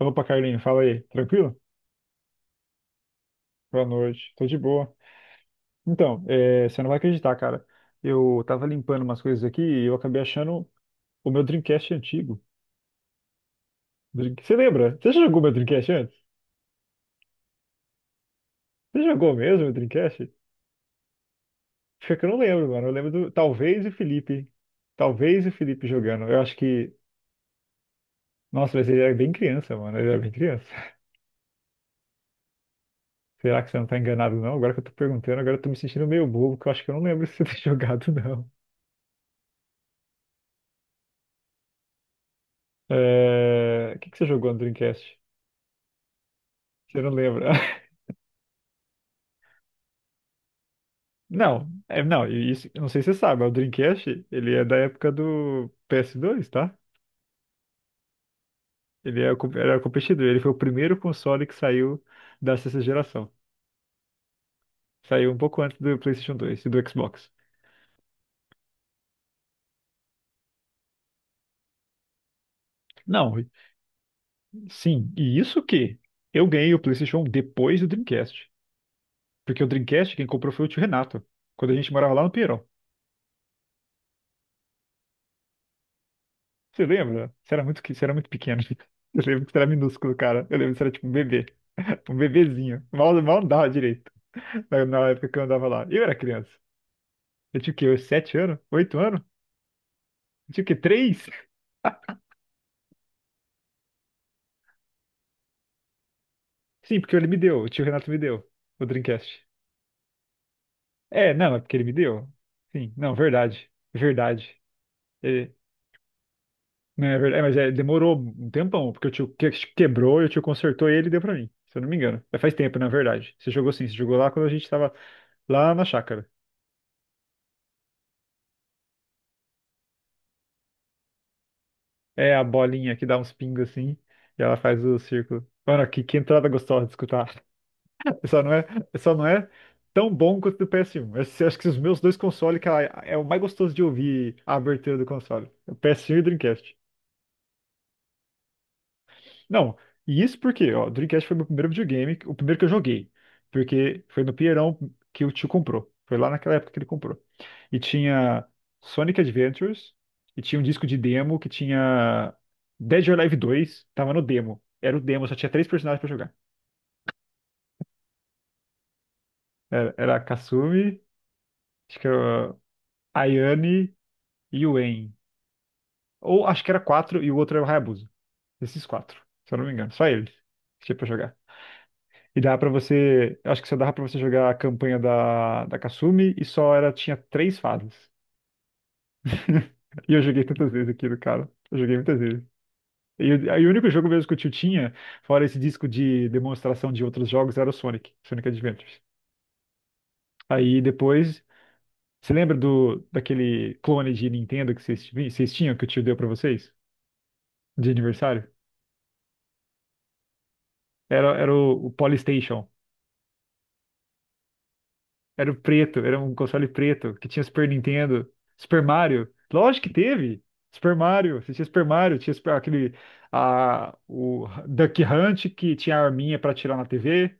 Opa, Carlinho, fala aí. Tranquilo? Boa noite. Tô de boa. Então, é, você não vai acreditar, cara. Eu tava limpando umas coisas aqui e eu acabei achando o meu Dreamcast antigo. Você lembra? Você já jogou meu Dreamcast antes? Você jogou mesmo meu Dreamcast? Fica que eu não lembro, mano. Eu lembro do. Talvez o Felipe. Talvez o Felipe jogando. Eu acho que. Nossa, mas ele era bem criança, mano. Ele era bem criança. Será que você não tá enganado, não? Agora que eu tô perguntando, agora eu tô me sentindo meio bobo, que eu acho que eu não lembro se você tem jogado, não. É, o que que você jogou no Dreamcast? Você não lembra? Não, é, não, e isso, eu não sei se você sabe, mas o Dreamcast, ele é da época do PS2, tá? Ele é, era o competidor, ele foi o primeiro console que saiu da sexta geração. Saiu um pouco antes do PlayStation 2 e do Xbox. Não, sim, e isso que eu ganhei o PlayStation depois do Dreamcast. Porque o Dreamcast quem comprou foi o tio Renato, quando a gente morava lá no Pinheirão. Você lembra? Você era muito pequeno. Eu lembro que você era minúsculo, cara. Eu lembro que você era tipo um bebê, um bebezinho. Mal, mal andava direito. Na época que eu andava lá. Eu era criança. Eu tinha o quê? Uns 7 anos? 8 anos? Eu tinha o quê? Três? Sim, porque ele me deu. O tio Renato me deu o Dreamcast. É, não, é porque ele me deu. Sim, não, verdade. Verdade. É, não, é verdade. É, mas é, demorou um tempão, porque o tio quebrou e o tio consertou ele e deu pra mim. Se eu não me engano. É, faz tempo, na verdade. Você jogou sim, você jogou lá quando a gente tava lá na chácara. É a bolinha que dá uns pingos assim, e ela faz o círculo. Mano, que entrada gostosa de escutar. Só não é, só não é tão bom quanto do PS1. Acho que os meus dois consoles, cara, é o mais gostoso de ouvir a abertura do console. O PS1 e o Dreamcast. Não, e isso porque, ó, o Dreamcast foi meu primeiro videogame, o primeiro que eu joguei. Porque foi no Pinheirão que o tio comprou. Foi lá naquela época que ele comprou. E tinha Sonic Adventures, e tinha um disco de demo que tinha Dead or Alive 2, tava no demo. Era o demo, só tinha três personagens pra jogar. Era a Kasumi, acho que era a Ayane e o Wen. Ou acho que era quatro e o outro era o Hayabusa. Esses quatro, se eu não me engano. Só eles que tinha pra jogar. E dava pra você. Eu acho que só dava pra você jogar a campanha da Kasumi e tinha três fases. E eu joguei tantas vezes aquilo, cara. Eu joguei muitas vezes. E o único jogo mesmo que o tio tinha, fora esse disco de demonstração de outros jogos, era o Sonic Adventures. Aí depois. Você lembra daquele clone de Nintendo que vocês tinham, que o tio deu pra vocês? De aniversário? Era o Polystation. Era o preto, era um console preto, que tinha Super Nintendo, Super Mario. Lógico que teve. Super Mario, você tinha Super Mario, tinha o Duck Hunt que tinha a arminha pra atirar na TV.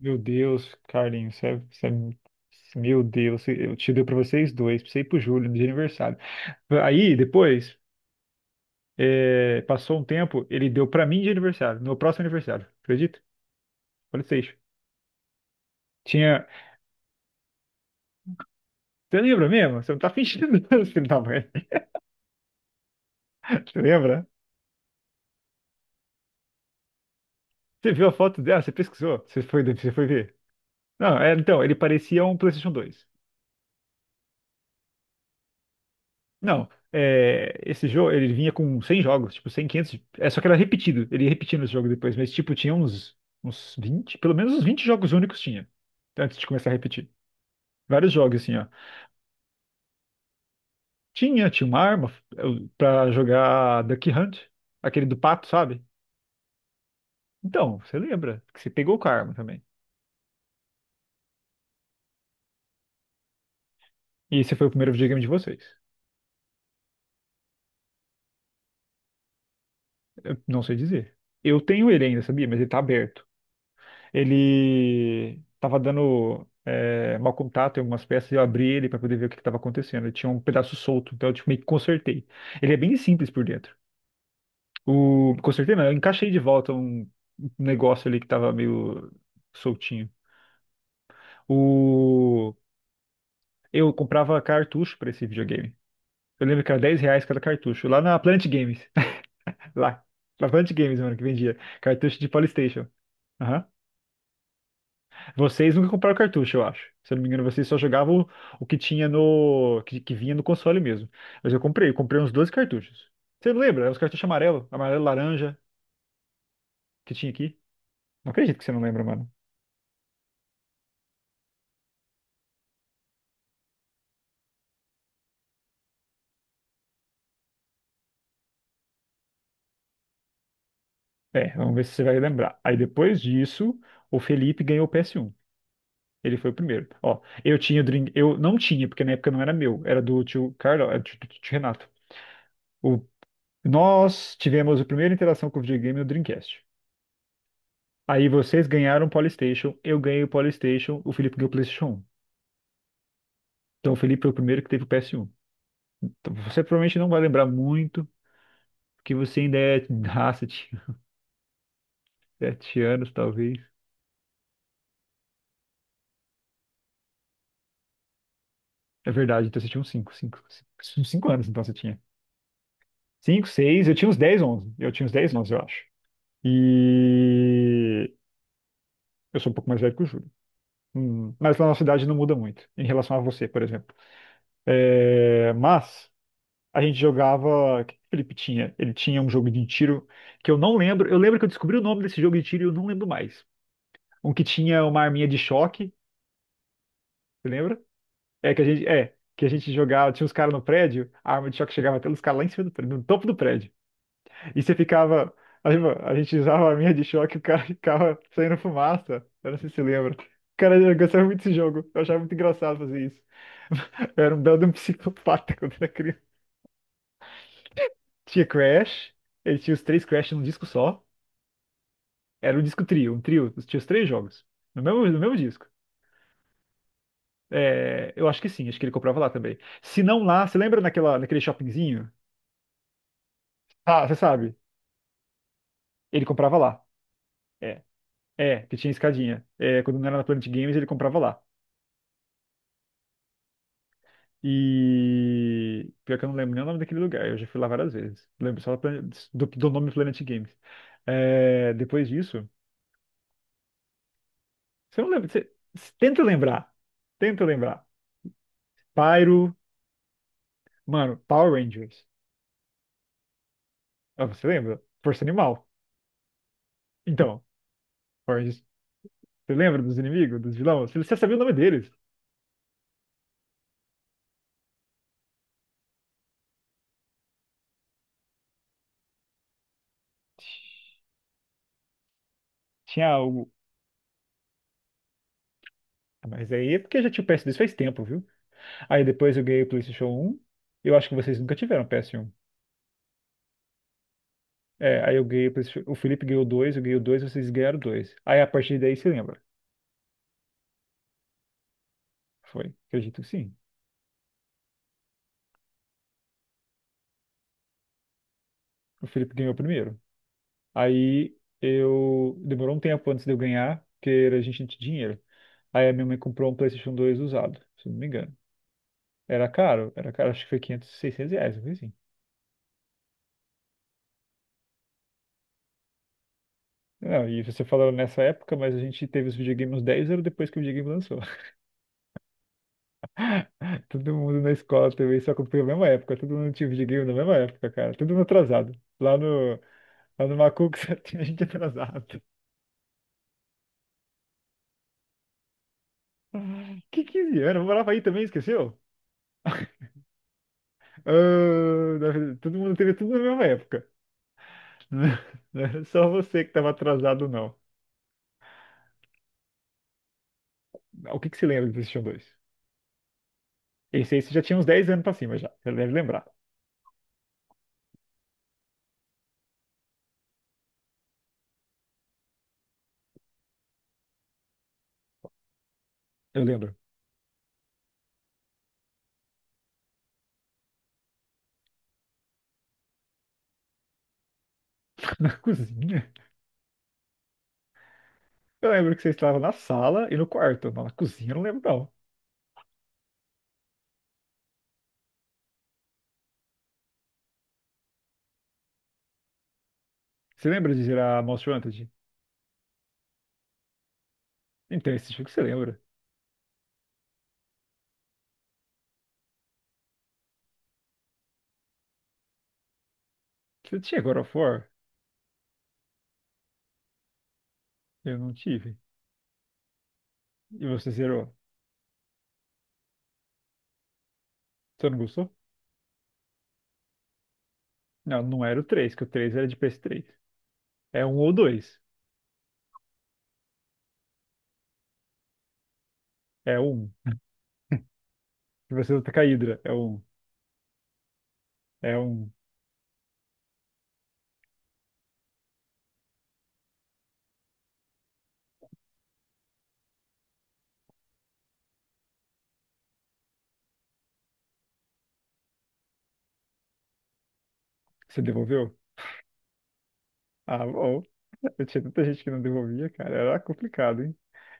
Meu Deus, Carlinhos, meu Deus, eu te dei pra vocês dois, pra você e pro Júlio, de aniversário. Aí, depois, é, passou um tempo, ele deu pra mim de aniversário, no meu próximo aniversário, acredita? PlayStation. Tinha. Você lembra mesmo? Você não tá fingindo, filho da mãe. Você lembra? Você viu a foto dela? Você pesquisou? Você foi ver? Não, é, então, ele parecia um PlayStation 2. Não, é, esse jogo, ele vinha com 100 jogos, tipo, 100 500. É, só que era repetido, ele ia repetindo os jogos depois, mas, tipo, tinha uns 20, pelo menos uns 20 jogos únicos tinha, antes de começar a repetir. Vários jogos, assim, ó. Tinha uma arma pra jogar Duck Hunt, aquele do pato, sabe? Então, você lembra que você pegou com a arma também. E esse foi o primeiro videogame de vocês. Eu não sei dizer. Eu tenho ele ainda, sabia? Mas ele tá aberto. Ele estava dando mau contato em algumas peças, e eu abri ele para poder ver o que estava acontecendo. Ele tinha um pedaço solto, então eu tipo, meio que consertei. Ele é bem simples por dentro. O Consertei não, eu encaixei de volta um negócio ali que estava meio soltinho. O Eu comprava cartucho para esse videogame. Eu lembro que era 10 reais cada cartucho, lá na Planet Games. Lá, na Planet Games, mano, que vendia cartucho de PlayStation. Aham. Vocês nunca compraram cartucho, eu acho. Se eu não me engano, vocês só jogavam o que tinha no. Que vinha no console mesmo. Mas eu comprei uns 12 cartuchos. Você não lembra? Eram os cartuchos amarelo, amarelo laranja que tinha aqui. Não acredito que você não lembra, mano. É, vamos ver se você vai lembrar. Aí depois disso, o Felipe ganhou o PS1. Ele foi o primeiro. Ó, eu tinha o Dream. Eu não tinha, porque na época não era meu. Era do tio Carlos, era do tio Renato. O... Nós tivemos a primeira interação com o videogame no Dreamcast. Aí vocês ganharam o PlayStation, eu ganhei o PlayStation, o Felipe ganhou o PlayStation 1. Então o Felipe foi o primeiro que teve o PS1. Então, você provavelmente não vai lembrar muito, porque você ainda é de raça, tinha 7 anos, talvez. É verdade, então você tinha uns cinco, cinco, 5, 5 anos, então você tinha. 5, 6, eu tinha uns 10, 11. Eu tinha uns 10 11, eu acho. E eu sou um pouco mais velho que o Júlio. Mas na nossa idade não muda muito, em relação a você, por exemplo. É, mas. A gente jogava. O que que o Felipe tinha? Ele tinha um jogo de tiro que eu não lembro. Eu lembro que eu descobri o nome desse jogo de tiro e eu não lembro mais. Um que tinha uma arminha de choque, você lembra? É que a gente. É. Que a gente jogava, tinha uns caras no prédio, a arma de choque chegava até os caras lá em cima do prédio, no topo do prédio. E você ficava. A gente usava a arminha de choque e o cara ficava saindo fumaça. Eu não sei se você lembra. Cara, eu gostava muito desse jogo. Eu achava muito engraçado fazer isso. Eu era um belo de um psicopata quando era criança. Tinha Crash, ele tinha os três Crash num disco só. Era o disco Trio, um trio, tinha os três jogos. No mesmo disco. É, eu acho que sim, acho que ele comprava lá também. Se não lá, você lembra naquele shoppingzinho? Ah, você sabe. Ele comprava lá. É, é, que tinha escadinha. É, quando não era na Planet Games, ele comprava lá. Pior que eu não lembro nem o nome daquele lugar, eu já fui lá várias vezes. Lembro só do nome Planet Games. É, depois disso, você não lembra. Você, tenta lembrar. Tenta lembrar. Pyro, mano, Power Rangers. Ah, você lembra? Força Animal. Então, Forges, você lembra dos inimigos, dos vilões? Você sabia o nome deles. Tinha algo. Mas aí é porque eu já tinha o PS2 faz tempo, viu? Aí depois eu ganhei o PlayStation 1. Eu acho que vocês nunca tiveram PS1. É, aí eu ganhei o PlayStation. O Felipe ganhou dois, eu ganhei o dois, vocês ganharam dois. Aí a partir daí você lembra. Foi, acredito que sim. O Felipe ganhou o primeiro. Aí eu. Demorou um tempo antes de eu ganhar, porque a gente não tinha dinheiro. Aí a minha mãe comprou um PlayStation 2 usado, se eu não me engano. Era caro, acho que foi 500, R$ 600, não foi. Não, e você falou nessa época, mas a gente teve os videogames dez 10 anos depois que o videogame lançou. Todo mundo na escola também só comprou na mesma época. Todo mundo tinha videogame na mesma época, cara. Todo mundo atrasado. Lá no, lá no Macuco só tinha gente atrasado. Que 15 anos? Eu morava aí também, esqueceu? Ah, na verdade, todo mundo teve tudo na mesma época. Não era só você que estava atrasado, não. O que que você lembra do PlayStation 2? Esse aí você já tinha uns 10 anos pra cima já, você deve lembrar. Eu lembro. Na cozinha. Eu lembro que você estava na sala e no quarto, mas na cozinha eu não lembro não. Você lembra de girar Most Wanted? Então, esse jogo você lembra. Você tinha God of War? Eu não tive. E você zerou? Você não gostou? Não, não era o 3. Que o três era de ps três. É um ou dois. É um. E você luta com a Hydra. É um. É um. Você devolveu? Ah, bom. Eu tinha tanta gente que não devolvia, cara. Era complicado, hein?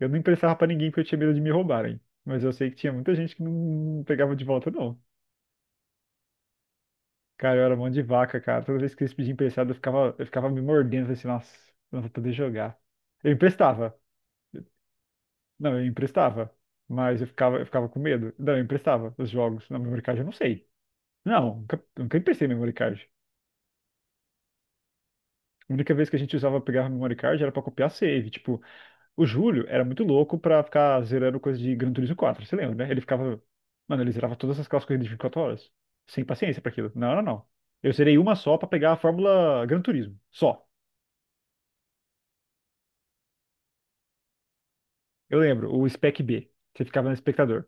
Eu não emprestava pra ninguém porque eu tinha medo de me roubarem. Mas eu sei que tinha muita gente que não pegava de volta, não. Cara, eu era mão de vaca, cara. Toda vez que eles pediam emprestado, eu ficava me mordendo, falei assim, nossa, não vou poder jogar. Eu emprestava. Não, eu emprestava. Mas eu ficava com medo. Não, eu emprestava os jogos. Na memory card eu não sei. Não, nunca emprestei memory card. A única vez que a gente usava pegar memory card era pra copiar save. Tipo, o Júlio era muito louco pra ficar zerando coisa de Gran Turismo 4, você lembra, né? Ele ficava. Mano, ele zerava todas essas aquelas corridas de 24 horas. Sem paciência pra aquilo. Não, não, não. Eu zerei uma só pra pegar a Fórmula Gran Turismo. Só. Eu lembro, o Spec B. Você ficava no espectador.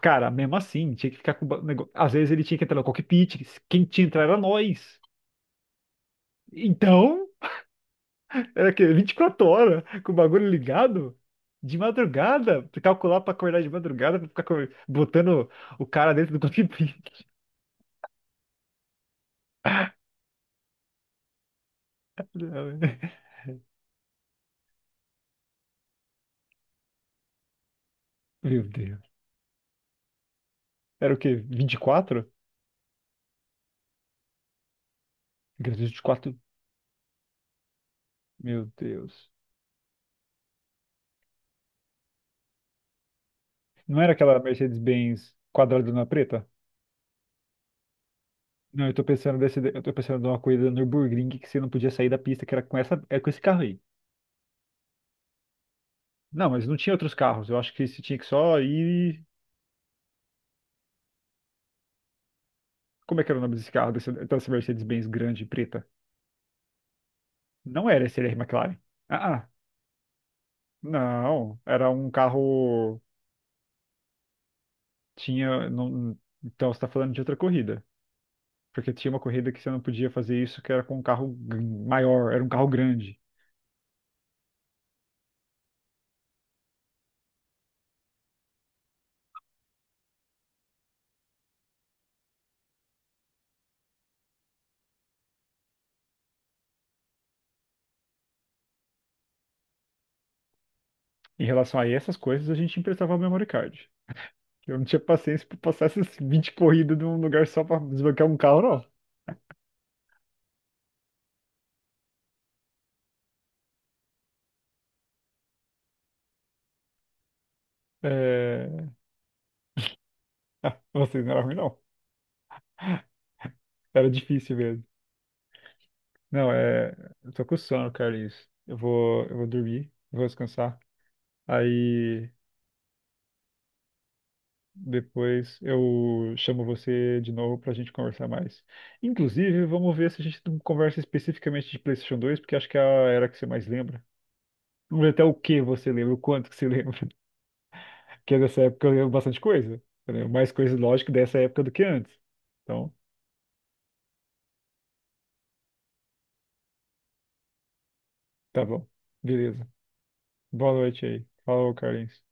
Cara, mesmo assim, tinha que ficar com o negócio. Às vezes ele tinha que entrar no cockpit, quem tinha que entrar era nós. Então, era que 24 horas com o bagulho ligado. De madrugada, pra calcular pra acordar de madrugada, pra ficar botando o cara dentro do cockpit. Meu Deus. Era o quê? Vinte e quatro? Ingresso 24? Meu Deus. Não era aquela Mercedes-Benz quadradona preta? Não, eu tô pensando numa corrida no Nürburgring que você não podia sair da pista, que era com esse carro aí. Não, mas não tinha outros carros. Eu acho que você tinha que só ir. Como é que era o nome desse carro, dessa Mercedes-Benz grande preta? Não era esse era McLaren. Ah, não. Era um carro. Tinha. Então você tá falando de outra corrida. Porque tinha uma corrida que você não podia fazer isso, que era com um maior, era um carro grande. Em relação a essas coisas, a gente emprestava o memory card. Eu não tinha paciência para passar essas 20 corridas num lugar só para desbloquear um carro, não. É... Ah, vocês não era ruim, não. Era difícil mesmo. Não, é... Eu tô com sono, Carlinhos. Eu vou dormir, vou descansar. Aí depois eu chamo você de novo para a gente conversar mais. Inclusive, vamos ver se a gente não conversa especificamente de PlayStation 2, porque acho que é a era que você mais lembra. Vamos ver até o que você lembra, o quanto que você lembra. Porque dessa época eu lembro bastante coisa. Eu lembro mais coisa, lógico, dessa época do que antes. Então, tá bom. Beleza. Boa noite aí. Falou, Carlinhos.